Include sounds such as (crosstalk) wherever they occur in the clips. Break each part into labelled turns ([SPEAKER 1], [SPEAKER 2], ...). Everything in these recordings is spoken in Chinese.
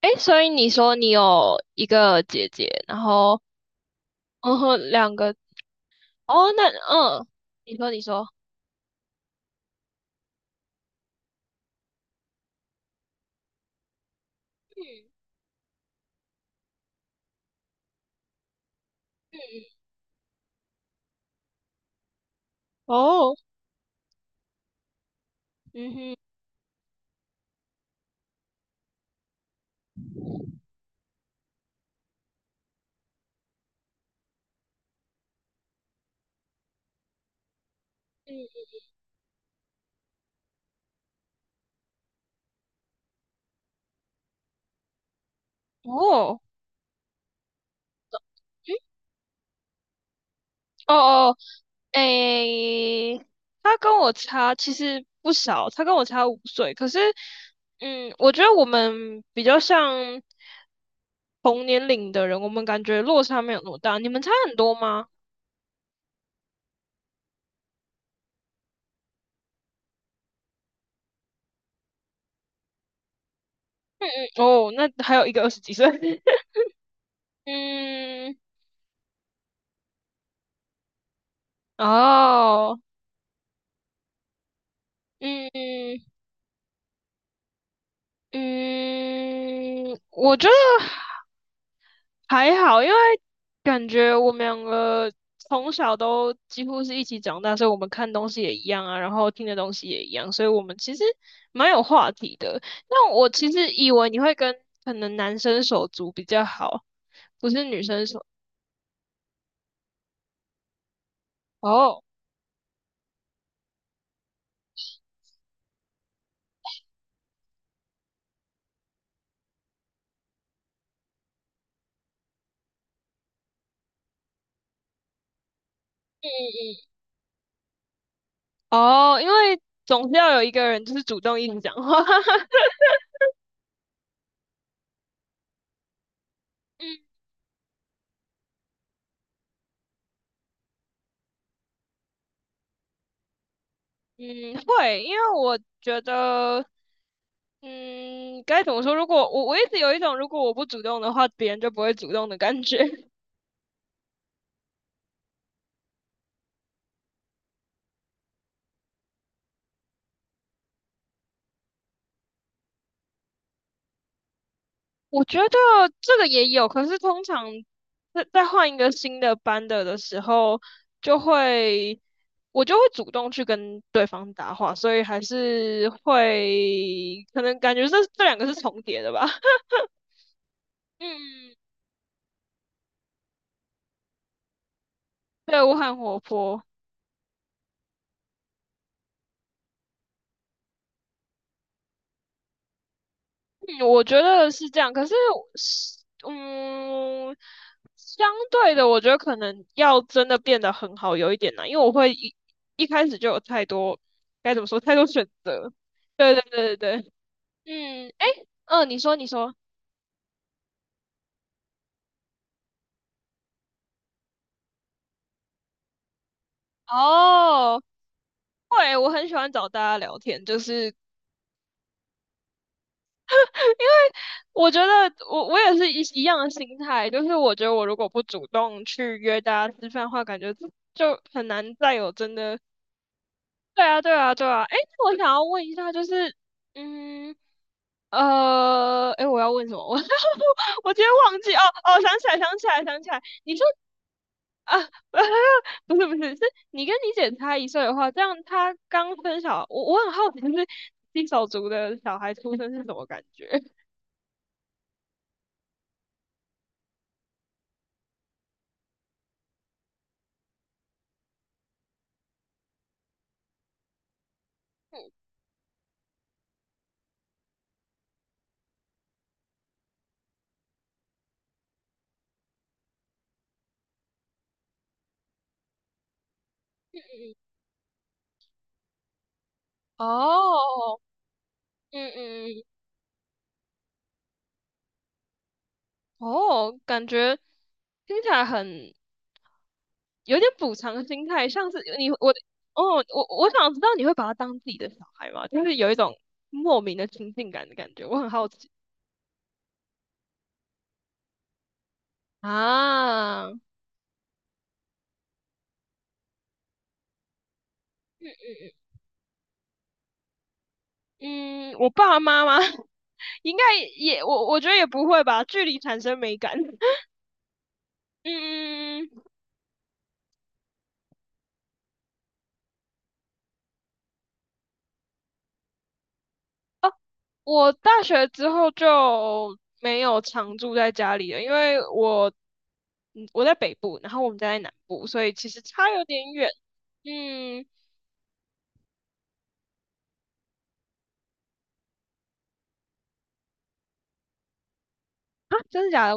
[SPEAKER 1] 诶，所以你说你有一个姐姐，然后嗯哼，两个。哦，那嗯，你说你说，嗯。嗯哦，嗯哼，嗯。哦，嗯。哦哦，诶，他跟我差其实不少，他跟我差5岁，可是嗯，我觉得我们比较像同年龄的人，我们感觉落差没有那么大。你们差很多吗？哦，那还有一个二十几岁。(laughs) 嗯，哦，嗯。嗯，我觉得还好，因为感觉我们两个从小都几乎是一起长大，所以我们看东西也一样啊，然后听的东西也一样，所以我们其实蛮有话题的。那我其实以为你会跟可能男生手足比较好，不是女生手。哦。嗯嗯，嗯。哦，因为总是要有一个人就是主动一直讲话。(laughs) 嗯嗯，会，因为我觉得，嗯，该怎么说？如果我一直有一种，如果我不主动的话，别人就不会主动的感觉。(laughs) 我觉得这个也有，可是通常在换一个新的班的时候，就会我就会主动去跟对方搭话，所以还是会可能感觉这两个是重叠的吧。(laughs) 嗯，对，我很活泼。嗯，我觉得是这样，可是是，嗯，相对的，我觉得可能要真的变得很好有一点难，因为我会一开始就有太多，该怎么说，太多选择。对对对对对，嗯，哎，嗯，你说你说，哦，对，我很喜欢找大家聊天，就是我觉得我也是一样的心态，就是我觉得我如果不主动去约大家吃饭的话，感觉就很难再有真的。对啊，对啊，对啊。哎，那我想要问一下，就是，嗯，哎，我要问什么？(laughs) 我我今天忘记哦。哦，想起来，想起来，想起来。你说啊，(laughs) 不是不是，是你跟你姐差1岁的话，这样她刚生小，我很好奇，就是新手足的小孩出生是什么感觉？(laughs) 哦，嗯嗯，嗯。哦，感觉听起来很有点补偿心态，像是你我。哦，我想知道你会把他当自己的小孩吗？就是有一种莫名的亲近感的感觉，我很好奇啊。嗯，我爸妈妈 (laughs) 应该也我觉得也不会吧，距离产生美感。(laughs) 嗯。哦，我大学之后就没有常住在家里了，因为我嗯我在北部，然后我们家在南部，所以其实差有点远。嗯。啊，真的假的？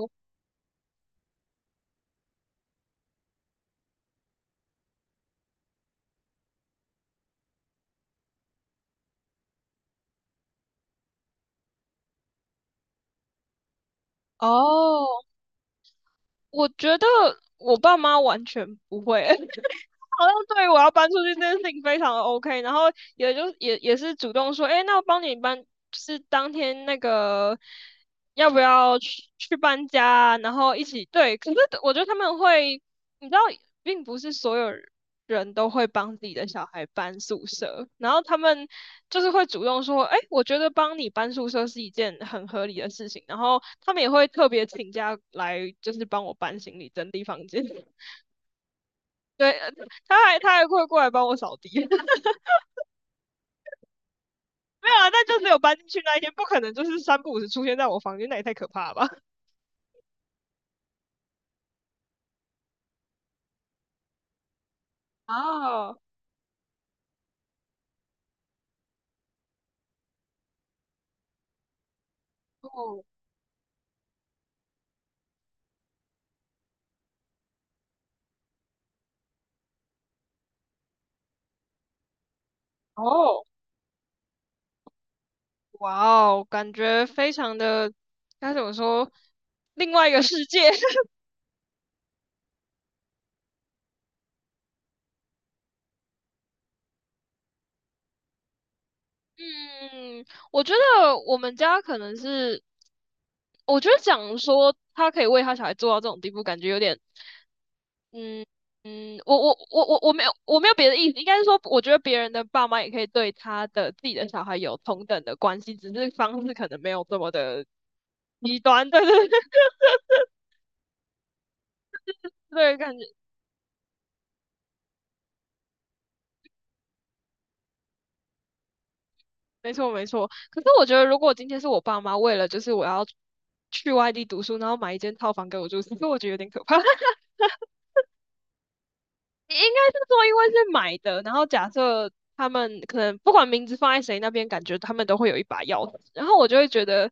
[SPEAKER 1] 哦，我觉得我爸妈完全不会。(laughs) 因为好像对我要搬出去这件事情非常的 OK，然后也就是主动说，哎，欸那我帮你搬，就是当天那个要不要去搬家啊，然后一起对。可是我觉得他们会，你知道，并不是所有人都会帮自己的小孩搬宿舍，然后他们就是会主动说，哎，欸我觉得帮你搬宿舍是一件很合理的事情，然后他们也会特别请假来，就是帮我搬行李、整理房间。(laughs) 对，他还会过来帮我扫地。(laughs) 没有啊，但就只有搬进去那一天，不可能就是三不五时出现在我房间，那也太可怕了吧？(laughs) 啊，哦。哦，哇哦，感觉非常的，该怎么说，另外一个世界。(laughs) 嗯，我觉得我们家可能是我觉得讲说他可以为他小孩做到这种地步，感觉有点，嗯。嗯，我没有别的意思，应该是说，我觉得别人的爸妈也可以对他的自己的小孩有同等的关系，只是方式可能没有这么的极端，对对对。(laughs) 对感觉没错没错。可是我觉得，如果今天是我爸妈为了就是我要去外地读书，然后买一间套房给我住，其实我觉得有点可怕。(laughs) 应该是说，因为是买的，然后假设他们可能不管名字放在谁那边，感觉他们都会有一把钥匙，然后我就会觉得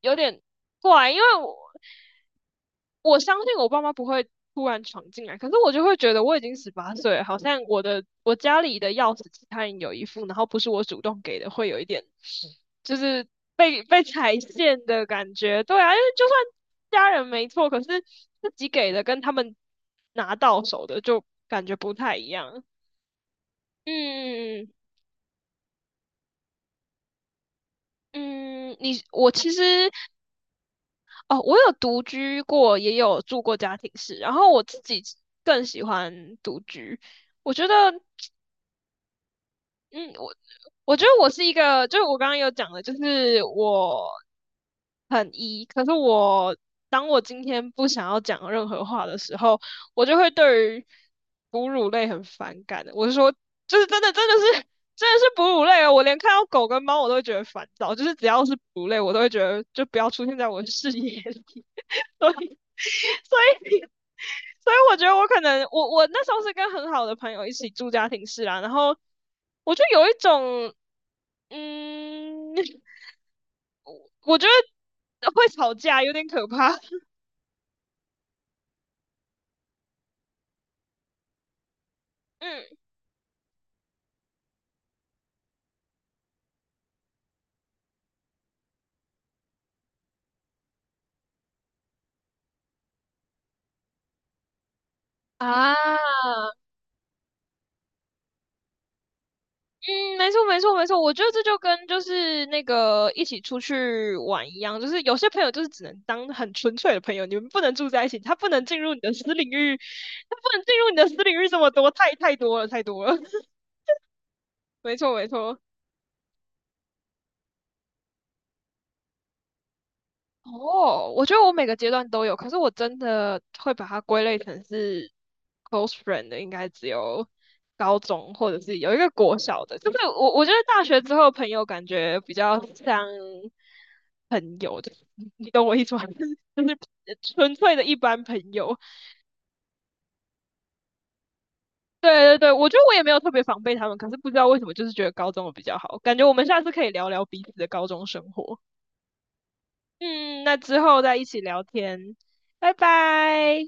[SPEAKER 1] 有点怪，因为我相信我爸妈不会突然闯进来，可是我就会觉得我已经18岁了，好像我家里的钥匙其他人有一副，然后不是我主动给的，会有一点就是被踩线的感觉。对啊，因为就算家人没错，可是自己给的跟他们拿到手的就感觉不太一样。嗯嗯，你我其实哦，我有独居过，也有住过家庭式，然后我自己更喜欢独居。我觉得嗯，我我觉得我是一个，就是我刚刚有讲的，就是我很 E，可是我当我今天不想要讲任何话的时候，我就会对于哺乳类很反感的。我是说，就是真的，真的是哺乳类哦，我连看到狗跟猫我都会觉得烦躁，就是只要是哺乳类，我都会觉得就不要出现在我的视野里。(laughs) 所以，(laughs) 所以所以我觉得我可能我我那时候是跟很好的朋友一起住家庭式啦，然后我就有一种，嗯，我觉得会吵架有点可怕。(laughs) 嗯啊，嗯，没错没错没错，我觉得这就跟就是那个一起出去玩一样，就是有些朋友就是只能当很纯粹的朋友，你们不能住在一起，他不能进入你的私领域，他不能进入你的私领域这么多，太多了太多了。(laughs) 没错没错。哦，我觉得我每个阶段都有，可是我真的会把它归类成是 close friend 的，应该只有高中或者是有一个国小的，就是我觉得大学之后朋友感觉比较像朋友的，你懂我意思吗？(laughs) 就是纯粹的一般朋友。对对对，我觉得我也没有特别防备他们，可是不知道为什么就是觉得高中的比较好，感觉我们下次可以聊聊彼此的高中生活。嗯，那之后再一起聊天，拜拜。